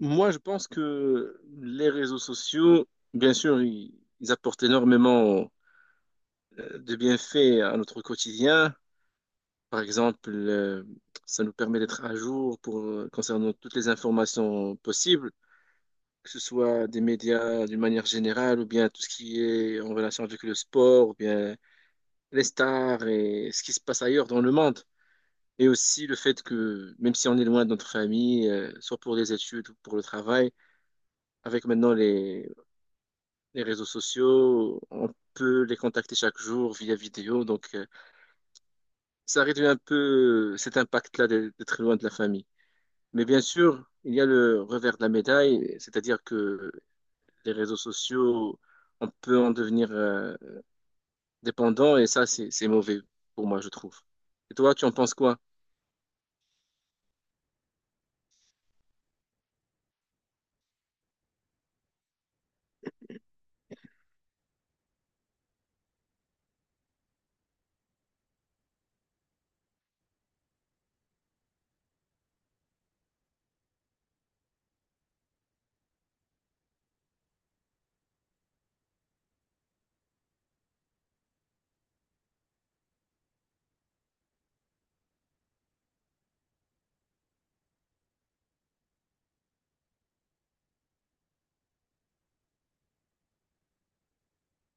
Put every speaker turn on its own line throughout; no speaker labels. Moi, je pense que les réseaux sociaux, bien sûr, ils apportent énormément de bienfaits à notre quotidien. Par exemple, ça nous permet d'être à jour pour, concernant toutes les informations possibles, que ce soit des médias d'une manière générale, ou bien tout ce qui est en relation avec le sport, ou bien les stars et ce qui se passe ailleurs dans le monde. Et aussi le fait que, même si on est loin de notre famille, soit pour les études ou pour le travail, avec maintenant les réseaux sociaux, on peut les contacter chaque jour via vidéo, donc ça réduit un peu cet impact-là d'être loin de la famille. Mais bien sûr, il y a le revers de la médaille, c'est-à-dire que les réseaux sociaux, on peut en devenir dépendant, et ça, c'est mauvais pour moi, je trouve. Et toi, tu en penses quoi?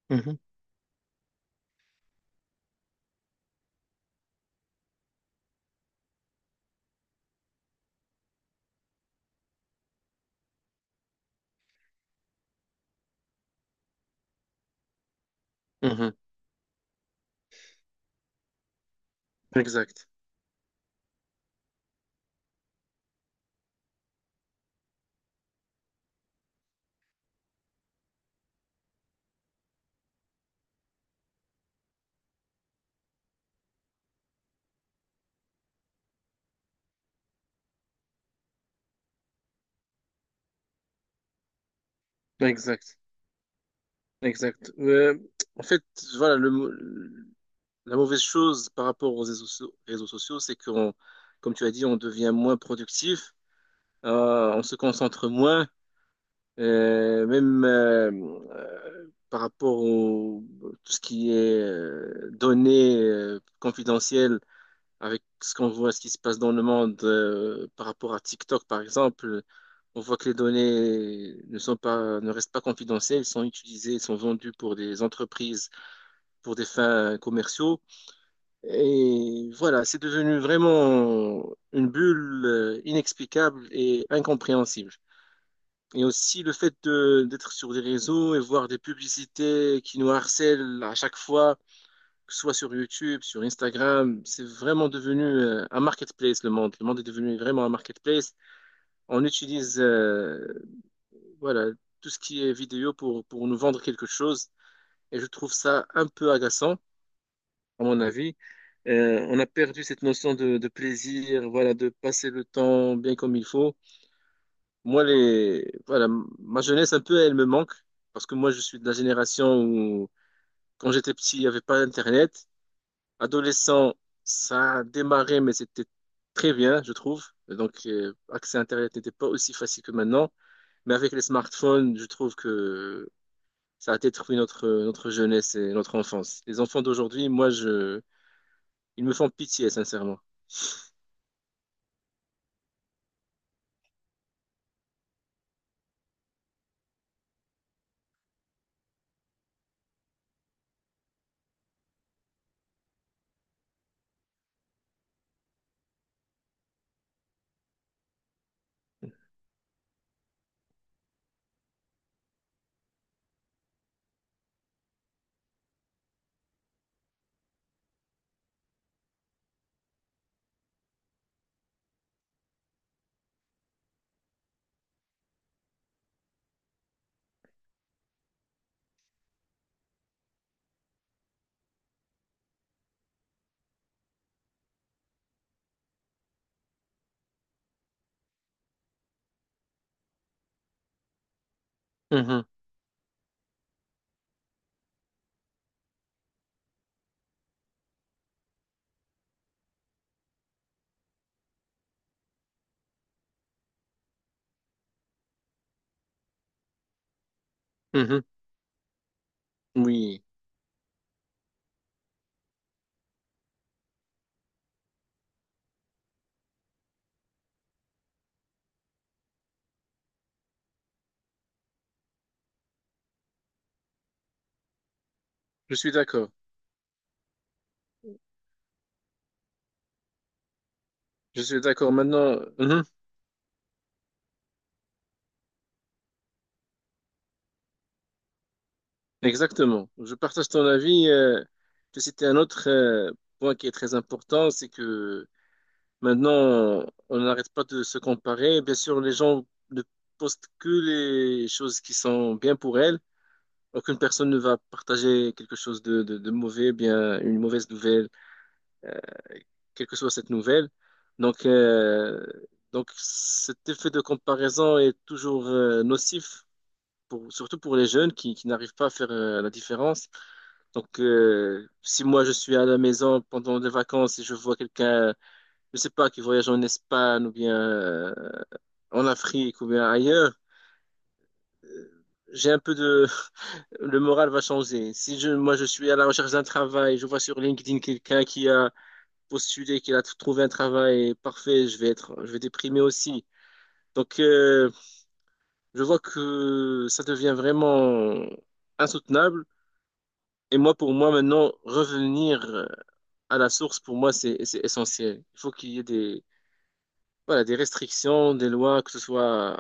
Mhm. Mhm. Exact, exact, exact. En fait, voilà, la mauvaise chose par rapport aux réseaux sociaux, c'est qu'on, comme tu as dit, on devient moins productif, on se concentre moins, même par rapport au tout ce qui est données confidentielles, avec ce qu'on voit, ce qui se passe dans le monde, par rapport à TikTok, par exemple, on voit que les données ne restent pas confidentielles, elles sont utilisées, elles sont vendues pour des entreprises, pour des fins commerciaux. Et voilà, c'est devenu vraiment une bulle inexplicable et incompréhensible. Et aussi d'être sur des réseaux et voir des publicités qui nous harcèlent à chaque fois, que ce soit sur YouTube, sur Instagram, c'est vraiment devenu un marketplace, le monde. Le monde est devenu vraiment un marketplace. On utilise voilà, tout ce qui est vidéo pour nous vendre quelque chose. Et je trouve ça un peu agaçant, à mon avis. On a perdu cette notion de plaisir, voilà, de passer le temps bien comme il faut. Moi, les, voilà, ma jeunesse, un peu, elle me manque parce que moi, je suis de la génération où, quand j'étais petit, il n'y avait pas Internet. Adolescent, ça a démarré, mais c'était très bien, je trouve. Et donc, accès à Internet n'était pas aussi facile que maintenant. Mais avec les smartphones, je trouve que ça a détruit notre jeunesse et notre enfance. Les enfants d'aujourd'hui, ils me font pitié, sincèrement. Mhm. Mhm. Oui, je suis d'accord. Je suis d'accord maintenant. Mhm. Exactement. Je partage ton avis. Je citais un autre point qui est très important, c'est que maintenant, on n'arrête pas de se comparer. Bien sûr, les gens ne postent que les choses qui sont bien pour elles. Aucune personne ne va partager quelque chose de mauvais, bien une mauvaise nouvelle, euh, quelle que soit cette nouvelle. Donc, euh, donc cet effet de comparaison est toujours nocif pour, surtout pour les jeunes qui n'arrivent pas à faire la différence. Donc, si moi je suis à la maison pendant les vacances et je vois quelqu'un, je sais pas, qui voyage en Espagne ou bien en Afrique ou bien ailleurs, j'ai un peu de, le moral va changer. Si je, moi je suis à la recherche d'un travail, je vois sur LinkedIn quelqu'un qui a postulé, qui a trouvé un travail parfait, je vais déprimer aussi. Donc, je vois que ça devient vraiment insoutenable. Et moi, pour moi, maintenant, revenir à la source, pour moi, c'est essentiel. Il faut qu'il y ait des, voilà, des restrictions, des lois, que ce soit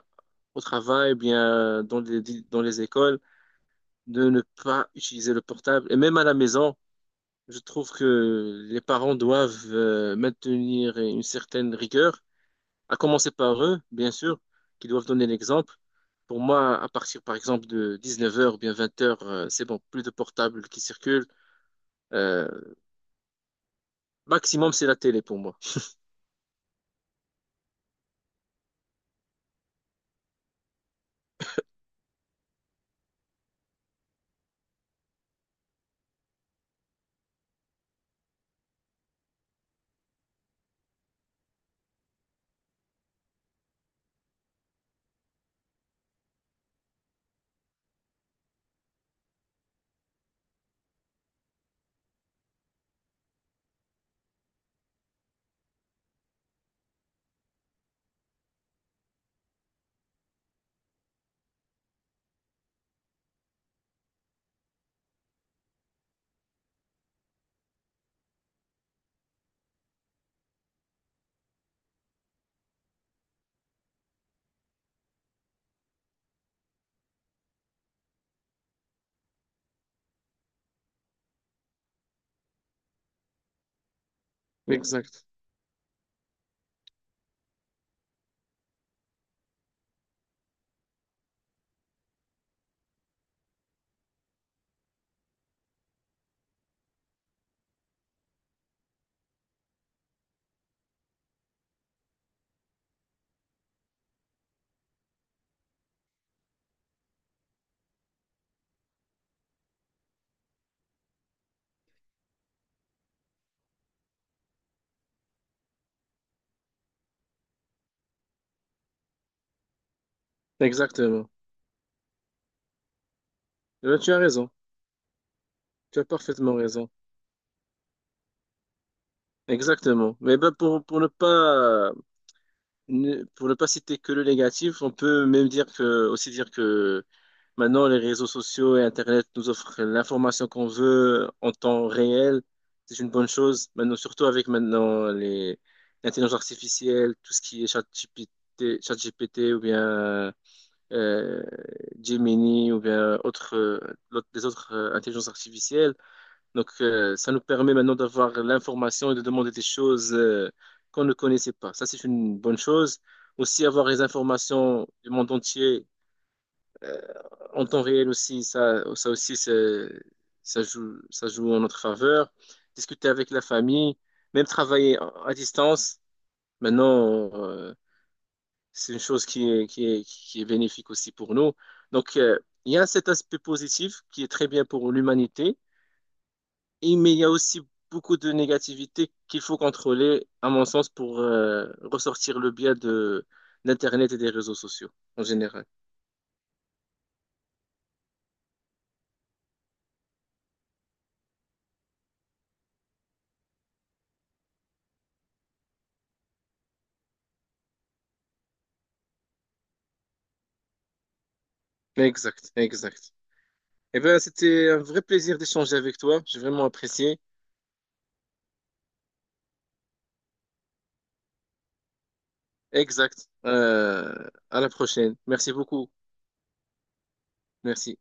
au travail, bien dans les écoles, de ne pas utiliser le portable. Et même à la maison, je trouve que les parents doivent maintenir une certaine rigueur, à commencer par eux, bien sûr, qui doivent donner l'exemple. Pour moi, à partir, par exemple, de 19 heures, bien 20 heures, c'est bon, plus de portables qui circulent. Euh, Maximum, c'est la télé pour moi. Exact. Exactement. Eh ben, tu as raison. Tu as parfaitement raison. Exactement. Mais ben, pour ne pas, pour ne pas citer que le négatif, on peut même dire que, aussi dire que maintenant, les réseaux sociaux et Internet nous offrent l'information qu'on veut en temps réel. C'est une bonne chose. Maintenant, surtout avec maintenant l'intelligence artificielle, tout ce qui est ChatGPT, ChatGPT ou bien euh, Gemini ou bien autres, des autres intelligences artificielles. Donc, ça nous permet maintenant d'avoir l'information et de demander des choses qu'on ne connaissait pas. Ça, c'est une bonne chose. Aussi, avoir les informations du monde entier euh, en temps réel aussi, ça aussi, ça joue en notre faveur. Discuter avec la famille, même travailler à distance. Maintenant, c'est une chose qui est bénéfique aussi pour nous. Donc, il y a cet aspect positif qui est très bien pour l'humanité, et, mais il y a aussi beaucoup de négativité qu'il faut contrôler, à mon sens, pour ressortir le biais de d'Internet et des réseaux sociaux en général. Exact, exact. Eh bien, c'était un vrai plaisir d'échanger avec toi. J'ai vraiment apprécié. Exact. À la prochaine. Merci beaucoup. Merci.